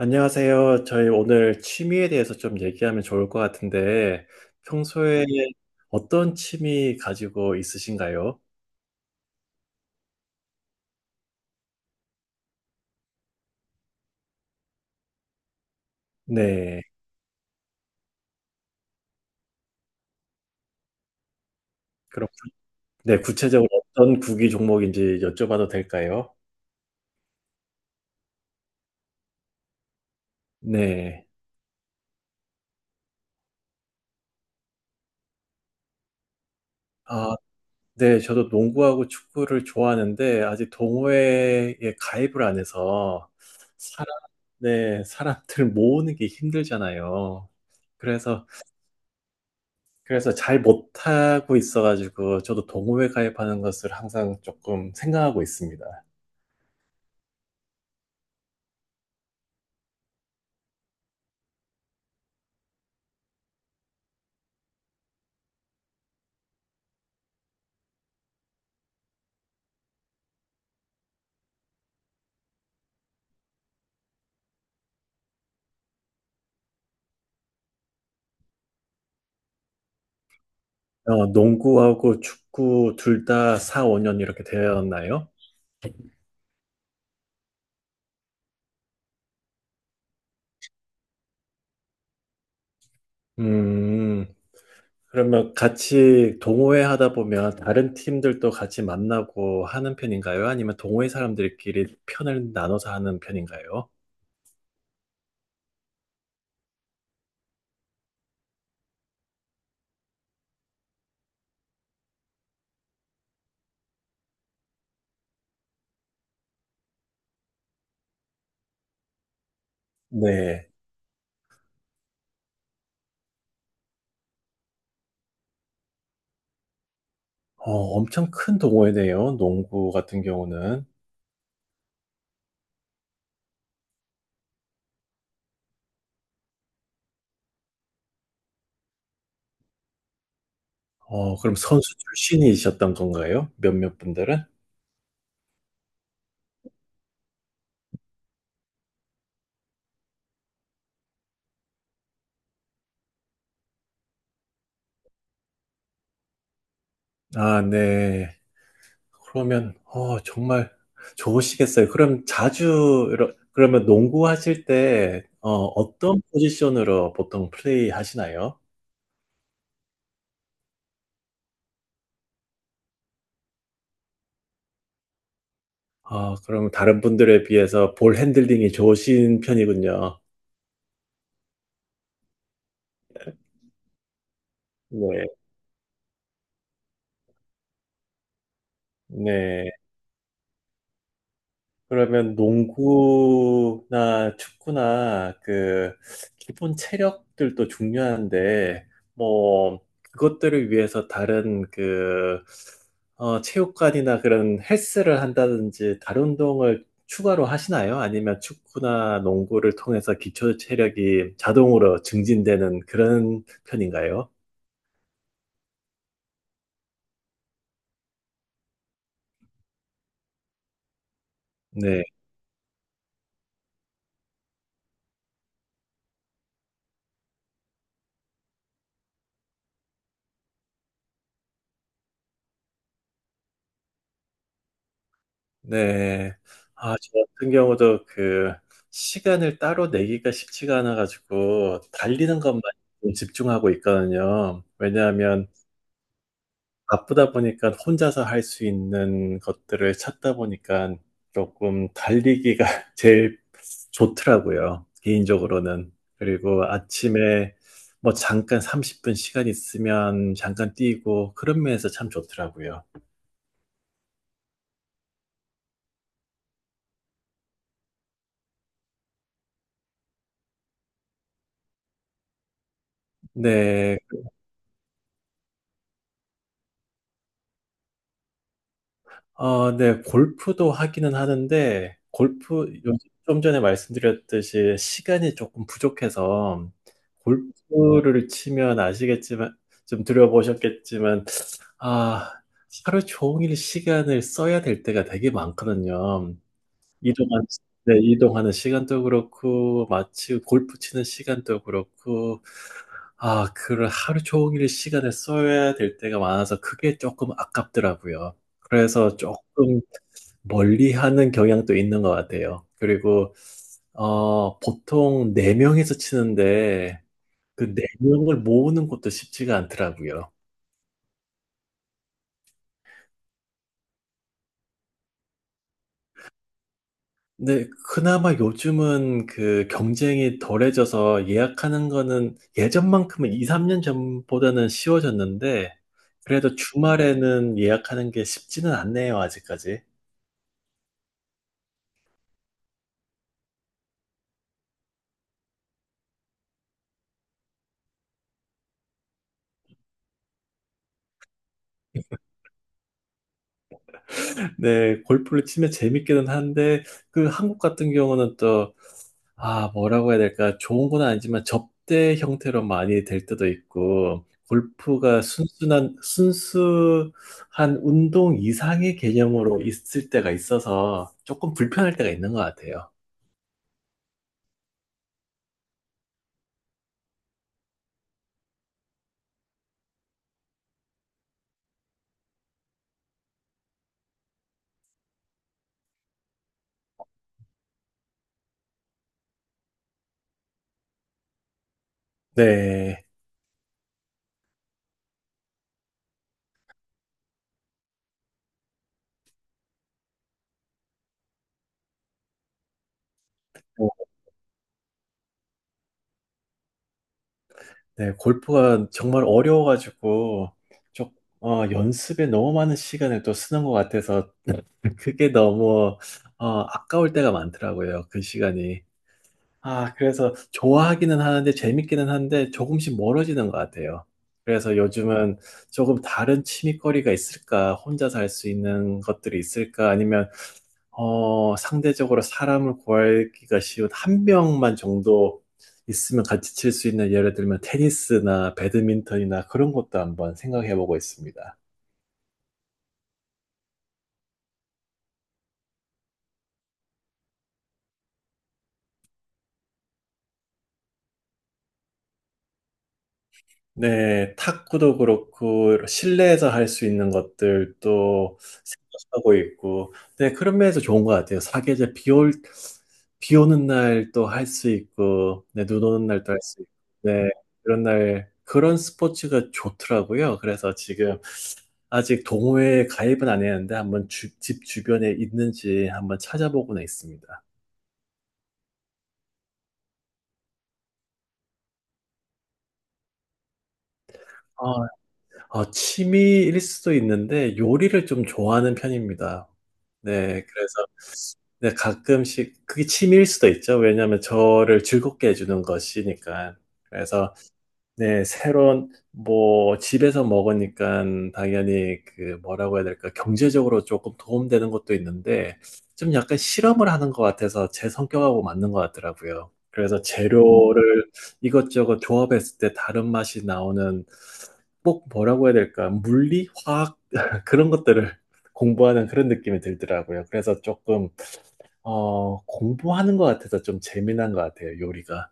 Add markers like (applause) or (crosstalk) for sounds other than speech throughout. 안녕하세요. 저희 오늘 취미에 대해서 좀 얘기하면 좋을 것 같은데, 평소에 어떤 취미 가지고 있으신가요? 네. 그럼, 네, 구체적으로 어떤 구기 종목인지 여쭤봐도 될까요? 네. 아, 네, 저도 농구하고 축구를 좋아하는데, 아직 동호회에 가입을 안 해서, 사람, 네, 사람들 모으는 게 힘들잖아요. 그래서 그래서 잘 못하고 있어가지고 저도 동호회 가입하는 것을 항상 조금 생각하고 있습니다. 어, 농구하고 축구 둘 다 4, 5년 이렇게 되었나요? 음, 그러면 같이 동호회 하다 보면 다른 팀들도 같이 만나고 하는 편인가요? 아니면 동호회 사람들끼리 편을 나눠서 하는 편인가요? 네. 어, 엄청 큰 동호회네요, 농구 같은 경우는. 어, 그럼 선수 출신이셨던 건가요? 몇몇 분들은? 아, 네. 그러면, 어, 정말 좋으시겠어요. 그럼 자주, 그러면 농구하실 때, 어, 어떤 포지션으로 보통 플레이 하시나요? 아, 그럼 다른 분들에 비해서 볼 핸들링이 좋으신 편이군요. 네, 네. 그러면 농구나 축구나 그 기본 체력들도 중요한데 뭐 그것들을 위해서 다른 그 어, 체육관이나 그런 헬스를 한다든지 다른 운동을 추가로 하시나요? 아니면 축구나 농구를 통해서 기초 체력이 자동으로 증진되는 그런 편인가요? 네. 네. 아, 저 같은 경우도 그 시간을 따로 내기가 쉽지가 않아가지고 달리는 것만 좀 집중하고 있거든요. 왜냐하면 바쁘다 보니까 혼자서 할 수 있는 것들을 찾다 보니까 조금 달리기가 (laughs) 제일 좋더라고요, 개인적으로는. 그리고 아침에 뭐 잠깐 30분 시간 있으면 잠깐 뛰고 그런 면에서 참 좋더라고요. 네. 아, 네, 골프도 하기는 하는데, 골프, 좀 전에 말씀드렸듯이 시간이 조금 부족해서, 골프를 치면 아시겠지만, 좀 들어보셨겠지만, 아, 하루 종일 시간을 써야 될 때가 되게 많거든요. 이동한, 네, 이동하는 시간도 그렇고, 마치 골프 치는 시간도 그렇고, 아, 그런 하루 종일 시간을 써야 될 때가 많아서 그게 조금 아깝더라고요. 그래서 조금 멀리하는 경향도 있는 것 같아요. 그리고 어, 보통 네명이서 치는데 그 네명을 모으는 것도 쉽지가 않더라고요. 근데 그나마 요즘은 그 경쟁이 덜해져서 예약하는 거는 예전만큼은 2, 3년 전보다는 쉬워졌는데 그래도 주말에는 예약하는 게 쉽지는 않네요, 아직까지. 네, 골프를 치면 재밌기는 한데 그 한국 같은 경우는 또 아, 뭐라고 해야 될까? 좋은 건 아니지만 접대 형태로 많이 될 때도 있고, 골프가 순순한, 순수한 운동 이상의 개념으로 있을 때가 있어서 조금 불편할 때가 있는 것 같아요. 네. 네, 골프가 정말 어려워가지고, 좀, 어, 연습에 너무 많은 시간을 또 쓰는 것 같아서 그게 너무, 어, 아까울 때가 많더라고요, 그 시간이. 아, 그래서 좋아하기는 하는데 재밌기는 한데 조금씩 멀어지는 것 같아요. 그래서 요즘은 조금 다른 취미거리가 있을까? 혼자서 할 수 있는 것들이 있을까? 아니면, 어, 상대적으로 사람을 구하기가 쉬운 한 명만 정도 있으면 같이 칠 수 있는 예를 들면 테니스나 배드민턴이나 그런 것도 한번 생각해 보고 있습니다. 네, 탁구도 그렇고 실내에서 할 수 있는 것들도 생각하고 있고, 네, 그런 면에서 좋은 것 같아요. 사계절 비 오는 날 또 할 수 있고, 네, 눈 오는 날도 할 수 있고, 네, 그런 날 그런 스포츠가 좋더라고요. 그래서 지금 아직 동호회에 가입은 안 했는데 한번 집 주변에 있는지 한번 찾아보고는 있습니다. 어, 취미일 수도 있는데 요리를 좀 좋아하는 편입니다. 네, 그래서 네, 가끔씩 그게 취미일 수도 있죠. 왜냐하면 저를 즐겁게 해주는 것이니까. 그래서 네, 새로운 뭐 집에서 먹으니까 당연히 그 뭐라고 해야 될까, 경제적으로 조금 도움되는 것도 있는데 좀 약간 실험을 하는 것 같아서 제 성격하고 맞는 것 같더라고요. 그래서 재료를 이것저것 조합했을 때 다른 맛이 나오는 꼭 뭐라고 해야 될까? 물리, 화학 (laughs) 그런 것들을 공부하는 그런 느낌이 들더라고요. 그래서 조금 어, 공부하는 것 같아서 좀 재미난 것 같아요, 요리가.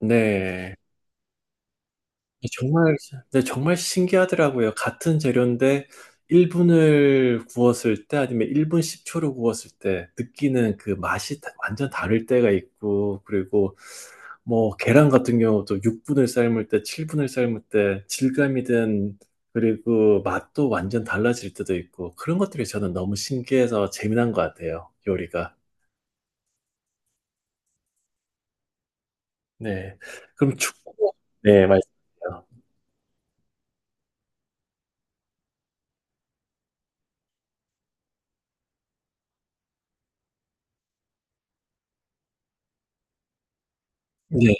네. 아, 정말, 네, 정말 신기하더라고요. 같은 재료인데 1분을 구웠을 때 아니면 1분 10초를 구웠을 때 느끼는 그 맛이 완전 다를 때가 있고, 그리고 뭐 계란 같은 경우도 6분을 삶을 때, 7분을 삶을 때 질감이든 그리고 맛도 완전 달라질 때도 있고 그런 것들이 저는 너무 신기해서 재미난 것 같아요, 요리가. 네. 그럼 축구. 네, 맞습니다. 네.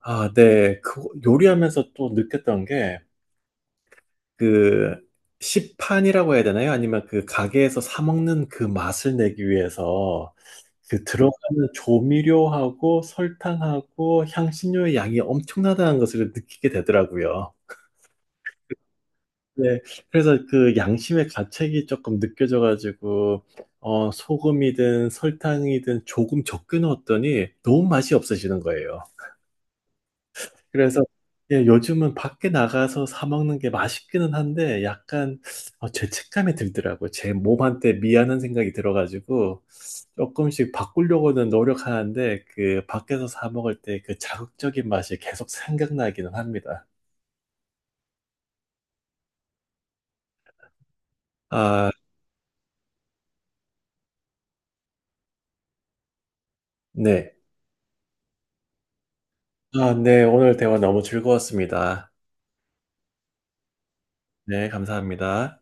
아, 네. 그 요리하면서 또 느꼈던 게 그 시판이라고 해야 되나요? 아니면 그 가게에서 사 먹는 그 맛을 내기 위해서 그 들어가는 조미료하고 설탕하고 향신료의 양이 엄청나다는 것을 느끼게 되더라고요. 네, 그래서 그 양심의 가책이 조금 느껴져가지고 어, 소금이든 설탕이든 조금 적게 넣었더니 너무 맛이 없어지는 거예요. 그래서 예, 요즘은 밖에 나가서 사 먹는 게 맛있기는 한데 약간 어, 죄책감이 들더라고요. 제 몸한테 미안한 생각이 들어가지고 조금씩 바꾸려고는 노력하는데 그 밖에서 사 먹을 때 그 자극적인 맛이 계속 생각나기는 합니다. 아, 네. 아, 네. 오늘 대화 너무 즐거웠습니다. 네, 감사합니다.